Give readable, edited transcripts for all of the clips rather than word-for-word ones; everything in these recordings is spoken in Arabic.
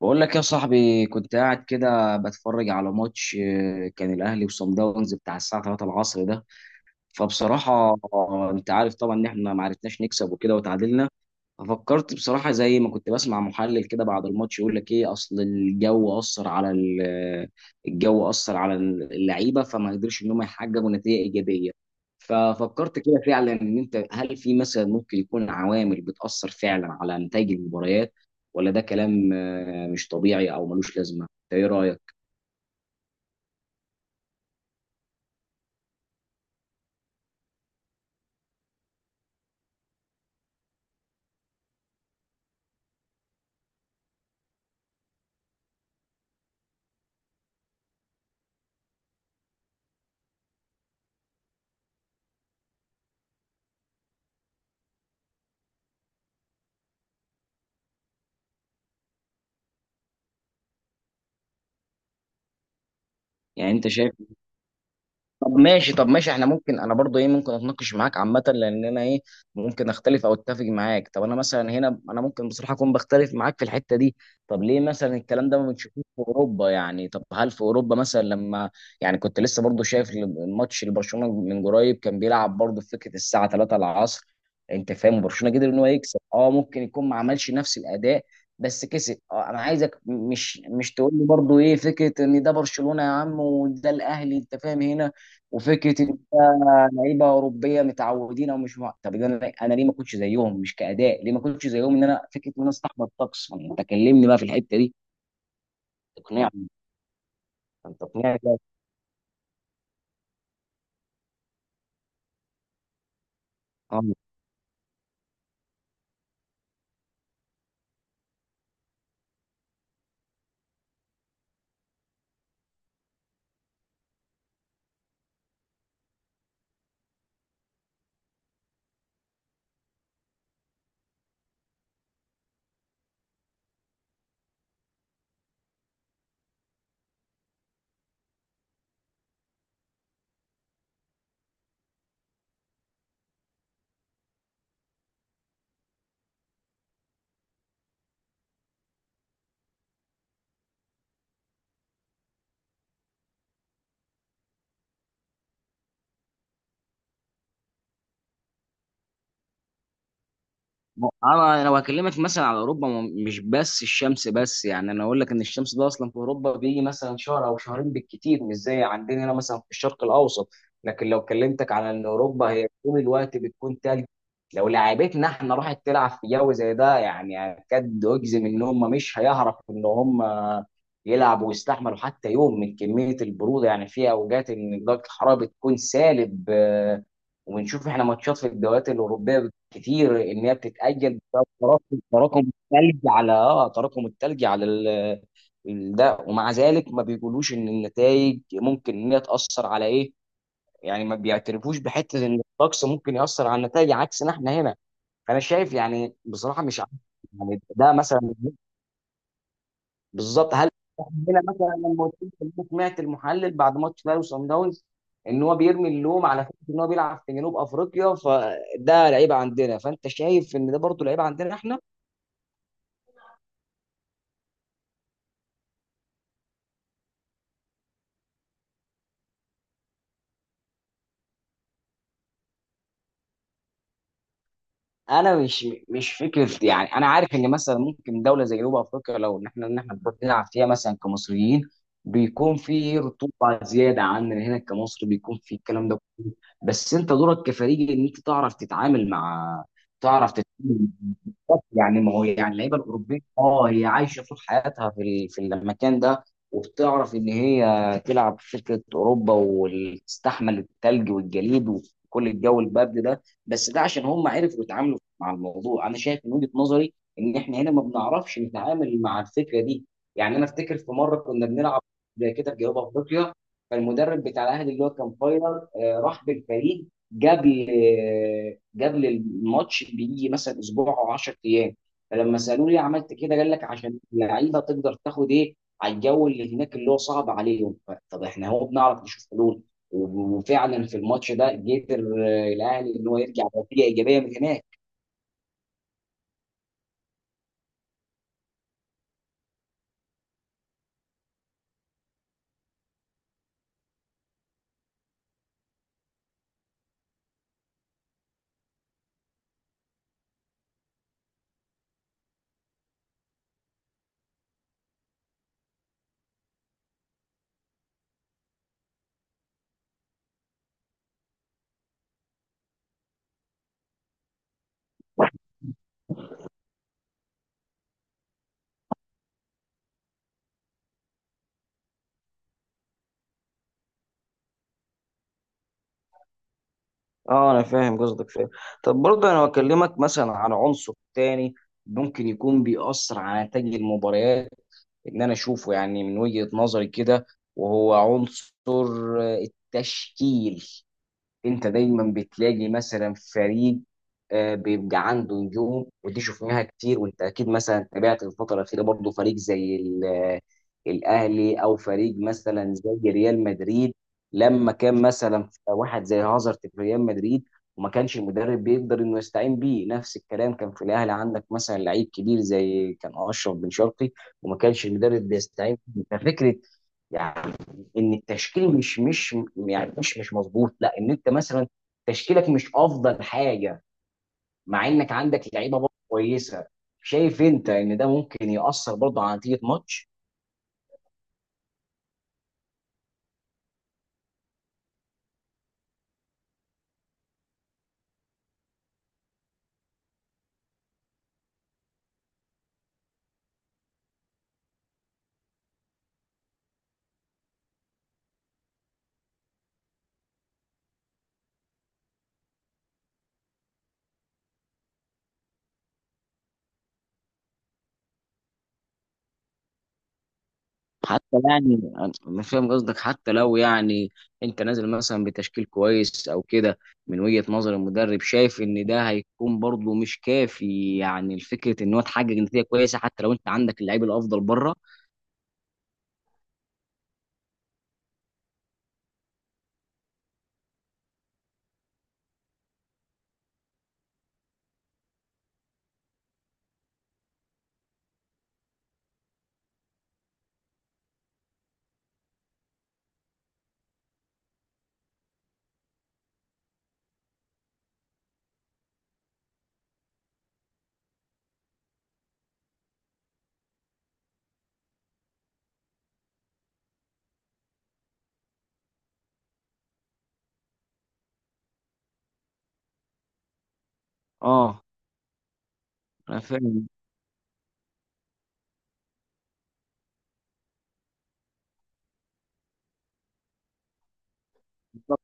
بقول لك يا صاحبي كنت قاعد كده بتفرج على ماتش، كان الاهلي وصن داونز بتاع الساعه 3 العصر ده. فبصراحه، انت عارف طبعا ان احنا ما عرفناش نكسب وكده وتعادلنا. ففكرت بصراحة زي ما كنت بسمع محلل كده بعد الماتش يقول لك ايه، اصل الجو اثر على الجو اثر على اللعيبة فما قدرش ان هم يحققوا نتيجة ايجابية. ففكرت كده فعلا ان انت هل في مثلا ممكن يكون عوامل بتأثر فعلا على نتائج المباريات، ولا ده كلام مش طبيعي او ملوش لازمة؟ إنت ايه رأيك؟ يعني انت شايف. طب ماشي، طب ماشي، احنا ممكن انا برضو ايه، ممكن اتناقش معاك عامه لان انا ايه، ممكن اختلف او اتفق معاك. طب انا مثلا هنا انا ممكن بصراحه اكون بختلف معاك في الحته دي. طب ليه مثلا الكلام ده ما بنشوفوش في اوروبا؟ يعني طب هل في اوروبا مثلا لما يعني كنت لسه برضو شايف الماتش لبرشلونه من قريب، كان بيلعب برضو في فكره الساعه 3 العصر. انت فاهم، برشلونه قدر ان هو يكسب. اه ممكن يكون ما عملش نفس الاداء بس كسب. اه انا عايزك مش تقول لي برضو ايه فكره ان ده برشلونه يا عم وده الاهلي، انت فاهم هنا. وفكره ان إحنا لعيبه اوروبيه متعودين او مش مع، طب إذا انا ليه ما كنتش زيهم؟ مش كاداء، ليه ما كنتش زيهم ان انا فكره ان انا استحمل الطقس؟ ما انت كلمني بقى في الحته دي. تقنعني، انت تقنعني بقى. انا لو هكلمك مثلا على اوروبا، مش بس الشمس بس، يعني انا اقول لك ان الشمس ده اصلا في اوروبا بيجي مثلا شهر او شهرين بالكتير، مش زي عندنا هنا مثلا في الشرق الاوسط. لكن لو كلمتك على ان اوروبا هي طول الوقت بتكون تلج، لو لعيبتنا احنا راحت تلعب في جو زي ده، يعني اكاد اجزم ان هم مش هيعرفوا ان هم يلعبوا ويستحملوا حتى يوم من كميه البروده. يعني في اوجات ان درجه الحراره بتكون سالب وبنشوف احنا ماتشات في الدوريات الاوروبيه كتير ان هي بتتاجل بسبب تراكم الثلج على اه تراكم الثلج على ده، ومع ذلك ما بيقولوش ان النتائج ممكن ان هي تاثر على ايه. يعني ما بيعترفوش بحته ان الطقس ممكن ياثر على النتائج عكسنا احنا هنا. فانا شايف يعني بصراحه مش عارف، يعني ده مثلا بالظبط. هل هنا مثلا لما قلت لك إن أنا سمعت المحلل بعد ماتش الاهلي وصن داونز ان هو بيرمي اللوم على فكره ان هو بيلعب في جنوب افريقيا فده لعيبه عندنا، فانت شايف ان ده برضه لعيبه عندنا احنا؟ انا مش فكره، يعني انا عارف ان مثلا ممكن دوله زي جنوب افريقيا لو ان احنا بنروح نلعب فيها مثلا كمصريين بيكون في رطوبه زياده عننا هنا كمصر، بيكون في الكلام ده كله. بس انت دورك كفريق ان انت تعرف تتعامل مع، تعرف تتعامل مع، يعني ما هو يعني اللعيبه الاوروبيه اه هي عايشه طول حياتها في في المكان ده، وبتعرف ان هي تلعب في فكره اوروبا وتستحمل الثلج والجليد وكل الجو البارد ده، بس ده عشان هم عرفوا يتعاملوا مع الموضوع. انا شايف من وجهة نظري ان احنا هنا ما بنعرفش نتعامل مع الفكره دي. يعني انا افتكر في مره كنا بنلعب زي كده في جنوب افريقيا، فالمدرب بتاع الاهلي اللي هو كان فايلر، راح بالفريق قبل، قبل الماتش بيجي مثلا اسبوع او 10 ايام. فلما سالوه ليه عملت كده قال لك عشان اللعيبه تقدر تاخد ايه على الجو اللي هناك اللي هو صعب عليهم. طب احنا هو بنعرف نشوف حلول، وفعلا في الماتش ده قدر الاهلي ان هو يرجع بنتيجه ايجابيه من هناك. اه انا فاهم قصدك، فاهم. طب برضه انا بكلمك مثلا عن عنصر تاني ممكن يكون بيأثر على نتائج المباريات ان انا اشوفه يعني من وجهة نظري كده، وهو عنصر التشكيل. انت دايما بتلاقي مثلا فريق، بيبقى عنده نجوم، ودي شفناها كتير. وانت اكيد مثلا تابعت الفتره الاخيره برضه فريق زي الاهلي او فريق مثلا زي ريال مدريد لما كان مثلا واحد زي هازارد في ريال مدريد وما كانش المدرب بيقدر انه يستعين بيه. نفس الكلام كان في الاهلي، عندك مثلا لعيب كبير زي كان اشرف بن شرقي وما كانش المدرب بيستعين بيه. ففكره يعني ان التشكيل مش يعني مش مظبوط، لا ان انت مثلا تشكيلك مش افضل حاجه مع انك عندك لعيبه برضه كويسه. شايف انت ان ده ممكن ياثر برضه على نتيجه ماتش؟ حتى يعني انا فاهم قصدك. حتى لو يعني انت نازل مثلا بتشكيل كويس او كده من وجهه نظر المدرب، شايف ان ده هيكون برضه مش كافي يعني الفكره ان هو تحقق نتيجه كويسه حتى لو انت عندك اللعيب الافضل بره. اه انا فاهم. بالظبط.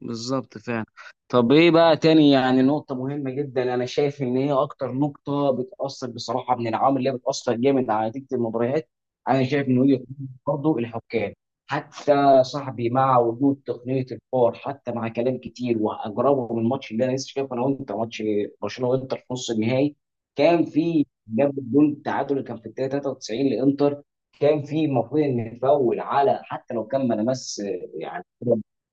بالظبط فعلا. طب ايه بقى تاني، يعني نقطة مهمة جدا انا شايف ان هي اكتر نقطة بتأثر بصراحة من العوامل اللي هي بتأثر جامد على نتيجة المباريات. انا شايف ان هي برضه الحكام. حتى صاحبي مع وجود تقنية الفار، حتى مع كلام كتير واجربه من الماتش اللي انا لسه شايفه انا وانت، ماتش برشلونة وانتر في نص النهائي، كان في جاب الجون التعادل اللي كان في الدقيقة 93 لانتر. كان في المفروض ان فاول على حتى لو كان ما لمس، يعني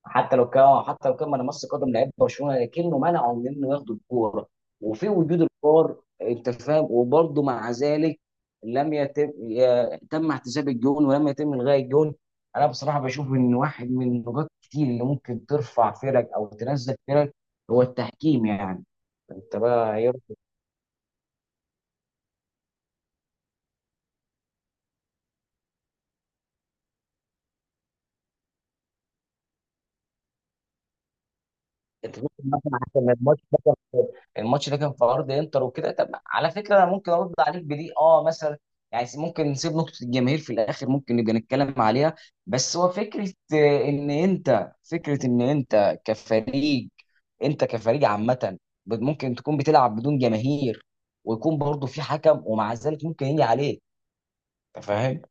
حتى لو كان، حتى لو كان من مس قدم لعيب برشلونه لكنه منعه من انه ياخد الكوره وفي وجود الفار، انت فاهم، وبرضه مع ذلك لم يتم يا- تم احتساب الجون ولم يتم الغاء الجون. انا بصراحه بشوف ان واحد من النقاط كتير اللي ممكن ترفع فرق او تنزل فرق هو التحكيم. يعني انت بقى يرفع. انت ممكن مثلا عشان الماتش ده كان في ارض انتر وكده. طب على فكره انا ممكن ارد عليك بدي اه مثلا، يعني ممكن نسيب نقطه الجماهير في الاخر ممكن نبقى نتكلم عليها. بس هو فكره ان انت فكره ان انت كفريق، انت كفريق عامه، ممكن تكون بتلعب بدون جماهير ويكون برضه في حكم ومع ذلك ممكن يجي عليك، انت فاهم.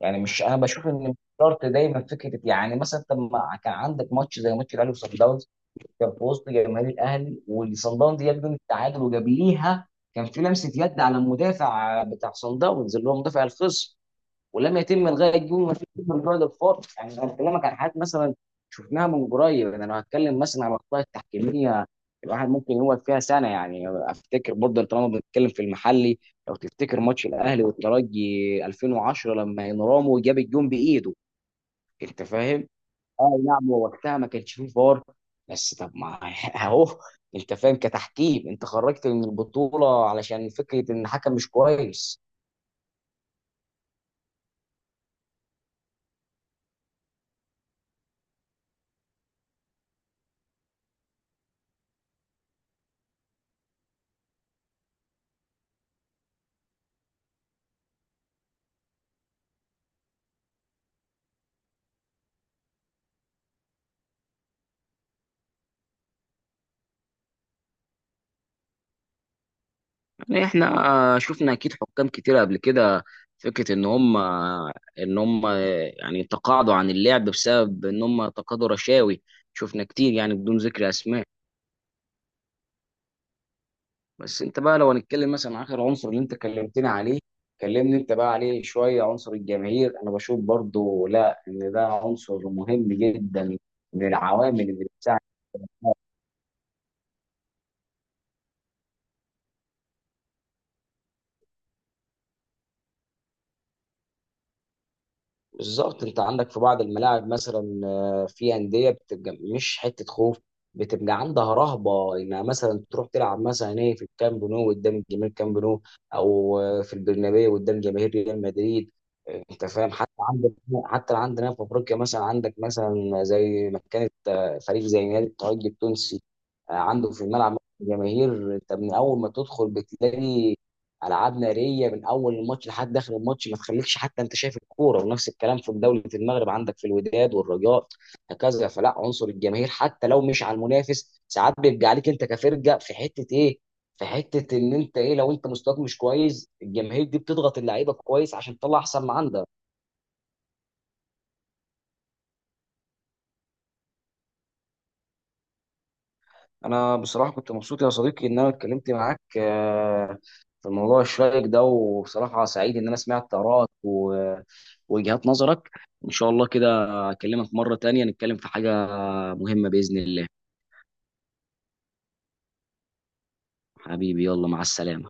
يعني مش، انا بشوف ان مش شرط دايما فكره، يعني مثلا طب ما كان عندك ماتش زي ماتش الاهلي وصن داونز، كان في وسط جماهير الاهلي وصن داونز جاب جون التعادل وجابليها، كان في لمسه يد على المدافع بتاع صن داونز اللي هو مدافع الخصم ولم يتم الغاء الجون. ما فيش من بعد الخط. يعني انا بكلمك عن حاجات مثلا شفناها من قريب. انا لو هتكلم مثلا على الاخطاء التحكيميه الواحد ممكن يقعد فيها سنه. يعني افتكر برضه طالما بنتكلم في المحلي، لو تفتكر ماتش الاهلي والترجي 2010 لما انرامو جاب الجون بايده، انت فاهم. اه نعم هو وقتها ما كانش فيه فار بس طب ما اهو، انت فاهم، كتحكيم انت خرجت من البطوله علشان فكره ان الحكم مش كويس. يعني احنا شفنا اكيد حكام كتير قبل كده فكره ان هم يعني تقاعدوا عن اللعب بسبب ان هم تقاضوا رشاوي. شفنا كتير يعني بدون ذكر اسماء. بس انت بقى لو هنتكلم مثلا عن اخر عنصر اللي انت كلمتني عليه، كلمني انت بقى عليه شويه. عنصر الجماهير انا بشوف برضو لا ان ده عنصر مهم جدا من العوامل اللي بتساعد. بالظبط انت عندك في بعض الملاعب مثلا، في انديه بتبقى مش حته خوف، بتبقى عندها رهبه انها مثلا تروح تلعب مثلا ايه في الكامب نو قدام جماهير كامب نو، او في البرنابيو قدام جماهير ريال مدريد، انت فاهم. حتى عندك، حتى عندنا في افريقيا مثلا عندك مثلا زي ما كانت، فريق زي نادي الترجي التونسي، عنده في الملعب جماهير، انت من اول ما تدخل بتلاقي العاب ناريه من اول الماتش لحد اخر الماتش ما تخليكش حتى انت شايف الكوره. ونفس الكلام في دوله المغرب، عندك في الوداد والرجاء هكذا. فلا عنصر الجماهير حتى لو مش على المنافس ساعات بيبقى عليك انت كفرقه في حته ايه، في حته ان انت ايه لو انت مستواك مش كويس الجماهير دي بتضغط اللعيبه كويس عشان تطلع احسن ما عندها. انا بصراحه كنت مبسوط يا صديقي ان انا اتكلمت معاك، في الموضوع الشائك ده، وبصراحه سعيد ان انا سمعت آرائك ووجهات نظرك. ان شاء الله كده اكلمك مره تانية نتكلم في حاجه مهمه باذن الله. حبيبي يلا مع السلامه.